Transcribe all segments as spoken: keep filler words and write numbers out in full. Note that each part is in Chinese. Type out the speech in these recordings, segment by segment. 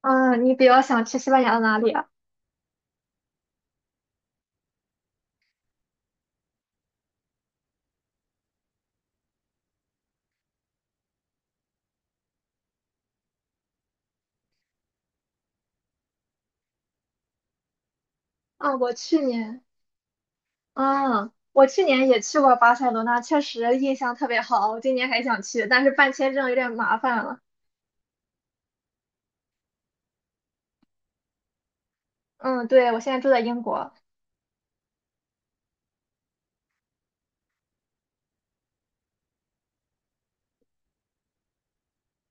嗯，你比较想去西班牙的哪里啊？啊，我去年，嗯，我去年也去过巴塞罗那，确实印象特别好。我今年还想去，但是办签证有点麻烦了。嗯，对，我现在住在英国。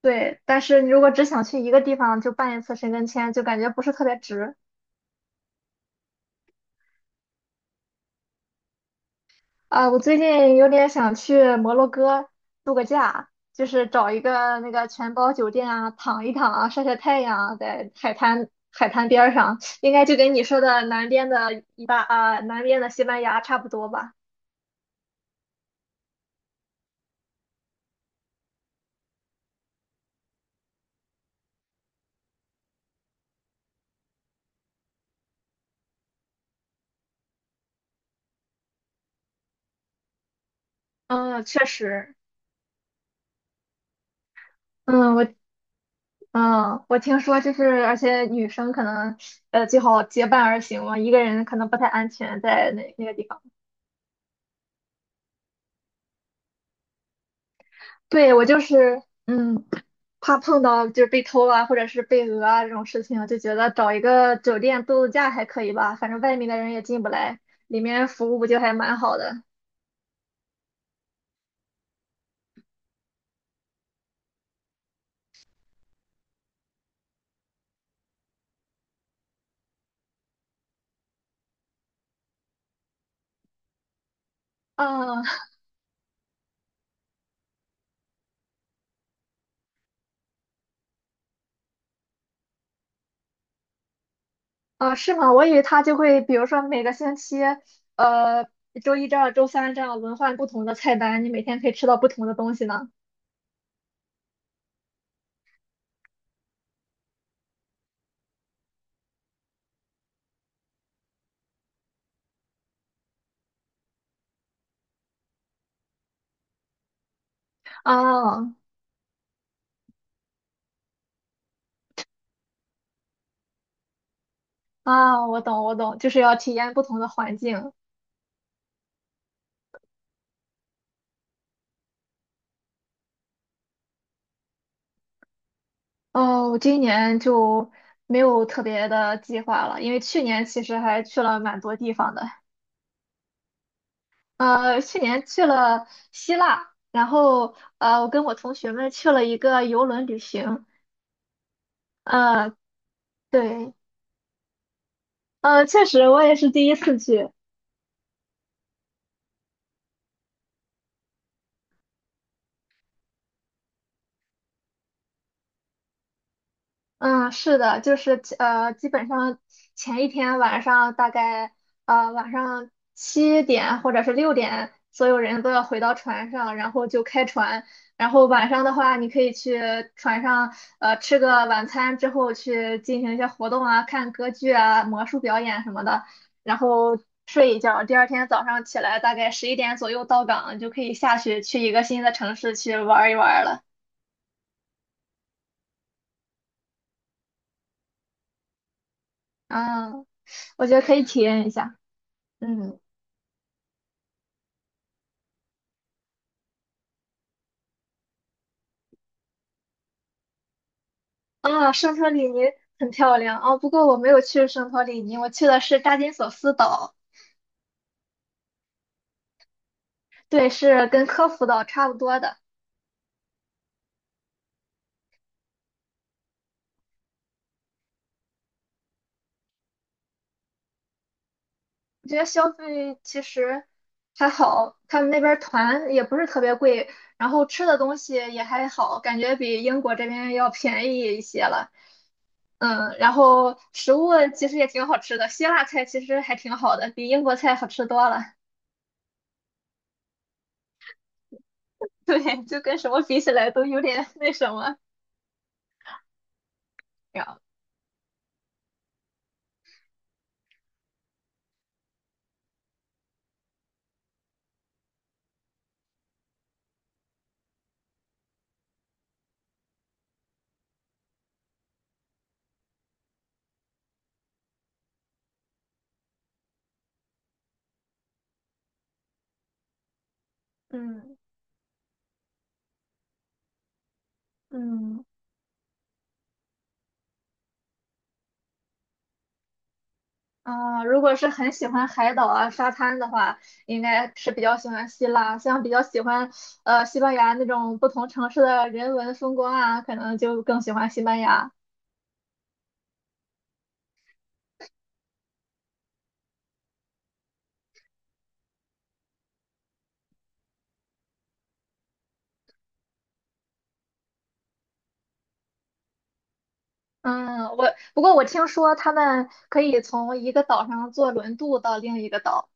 对，但是你如果只想去一个地方就办一次申根签，就感觉不是特别值。啊，我最近有点想去摩洛哥度个假，就是找一个那个全包酒店啊，躺一躺啊，晒晒太阳啊，在海滩海滩边儿上，应该就跟你说的南边的一大啊，南边的西班牙差不多吧。嗯，确实。嗯，我嗯，我听说就是，而且女生可能呃最好结伴而行嘛，一个人可能不太安全在那那个地方。对，我就是。嗯。怕碰到就是被偷啊，或者是被讹啊这种事情，就觉得找一个酒店度度假还可以吧，反正外面的人也进不来，里面服务不就还蛮好的。啊啊，是吗？我以为他就会，比如说每个星期，呃，周一这样，周三这样轮换不同的菜单，你每天可以吃到不同的东西呢。啊啊，我懂，我懂，就是要体验不同的环境。哦，我今年就没有特别的计划了，因为去年其实还去了蛮多地方的。呃，去年去了希腊，然后呃，我跟我同学们去了一个游轮旅行。呃，对，呃，确实我也是第一次去。嗯，是的，就是呃，基本上前一天晚上大概呃晚上七点或者是六点，所有人都要回到船上，然后就开船。然后晚上的话，你可以去船上呃吃个晚餐之后去进行一些活动啊，看歌剧啊、魔术表演什么的，然后睡一觉。第二天早上起来大概十一点左右到港，就可以下去去一个新的城市去玩一玩了。嗯，我觉得可以体验一下。嗯。啊，圣托里尼很漂亮啊，不过我没有去圣托里尼，我去的是大金索斯岛，对，是跟科孚岛差不多的。我觉得消费其实还好，他们那边儿团也不是特别贵，然后吃的东西也还好，感觉比英国这边要便宜一些了。嗯，然后食物其实也挺好吃的，希腊菜其实还挺好的，比英国菜好吃多了。对，就跟什么比起来都有点那什么。然后，嗯嗯。嗯，如果是很喜欢海岛啊、沙滩的话，应该是比较喜欢希腊。像比较喜欢呃西班牙那种不同城市的人文风光啊，可能就更喜欢西班牙。嗯，我不过我听说他们可以从一个岛上坐轮渡到另一个岛。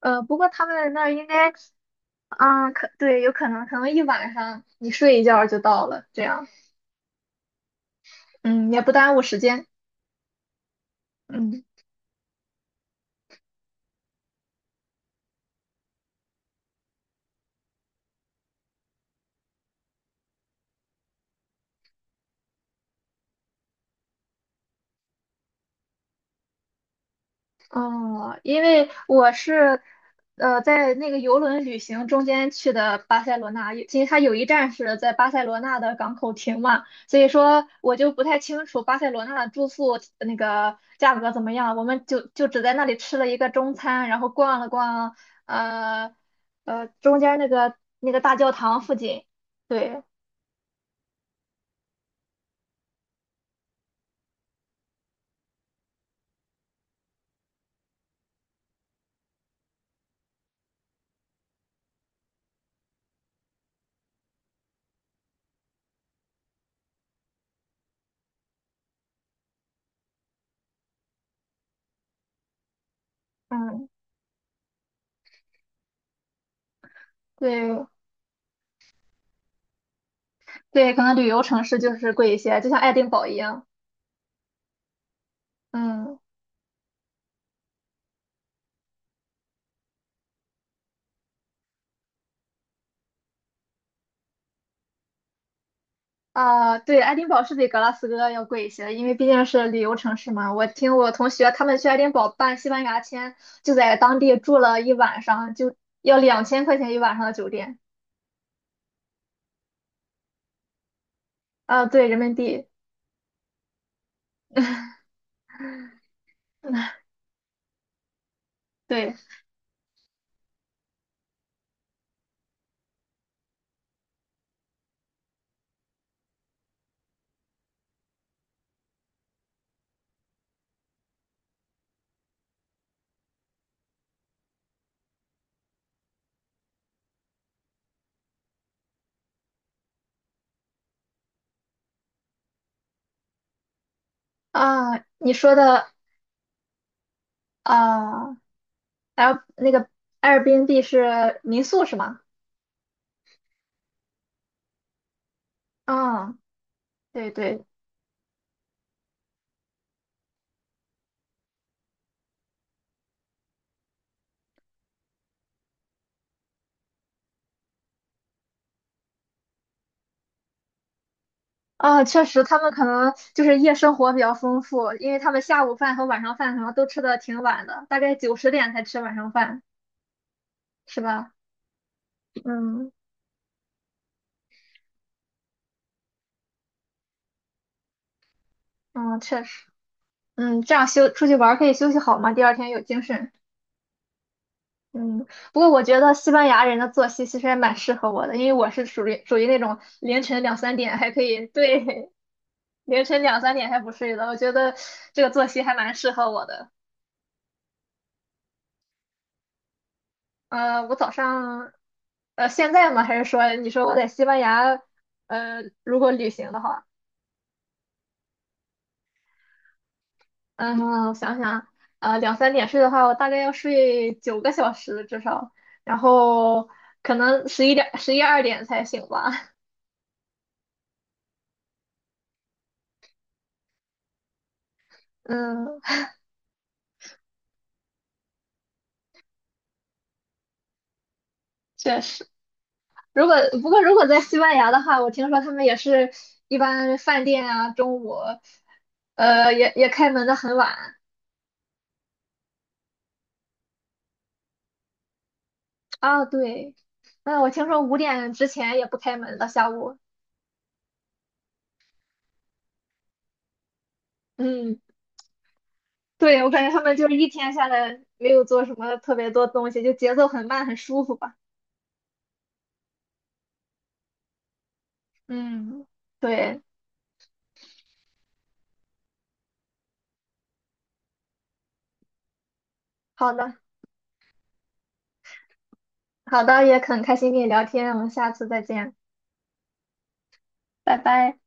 呃，不过他们那儿应该。啊，可对，有可能可能一晚上你睡一觉就到了，这样，嗯，也不耽误时间。嗯。哦，因为我是呃在那个游轮旅行中间去的巴塞罗那，其实它有一站是在巴塞罗那的港口停嘛，所以说我就不太清楚巴塞罗那的住宿那个价格怎么样，我们就就只在那里吃了一个中餐，然后逛了逛呃呃中间那个那个大教堂附近，对，嗯，对对，可能旅游城市就是贵一些，就像爱丁堡一样。嗯。啊，对，爱丁堡是比格拉斯哥要贵一些，因为毕竟是旅游城市嘛。我听我同学他们去爱丁堡办西班牙签，就在当地住了一晚上，就要两千块钱一晚上的酒店。啊，对，人民币。对啊，你说的啊，L 那个 a i r b 是民宿是吗？嗯，对对。啊，确实，他们可能就是夜生活比较丰富，因为他们下午饭和晚上饭可能都吃的挺晚的，大概九十点才吃晚上饭，是吧？嗯。嗯，确实，嗯，这样休出去玩儿可以休息好嘛，第二天有精神。嗯，不过我觉得西班牙人的作息其实还蛮适合我的，因为我是属于属于那种凌晨两三点还可以，对。凌晨两三点还不睡的，我觉得这个作息还蛮适合我的。呃，我早上，呃，现在吗？还是说你说我在西班牙，呃，如果旅行的话？嗯，我想想，呃，两三点睡的话，我大概要睡九个小时至少，然后可能十一点、十一二点才醒吧。嗯，确实。如果不过如果在西班牙的话，我听说他们也是一般饭店啊，中午，呃，也也开门的很晚啊。对。嗯，我听说五点之前也不开门的，下午。嗯，对，我感觉他们就是一天下来没有做什么特别多东西，就节奏很慢，很舒服吧。嗯，对，好的，好的，也很开心跟你聊天，我们下次再见，拜拜。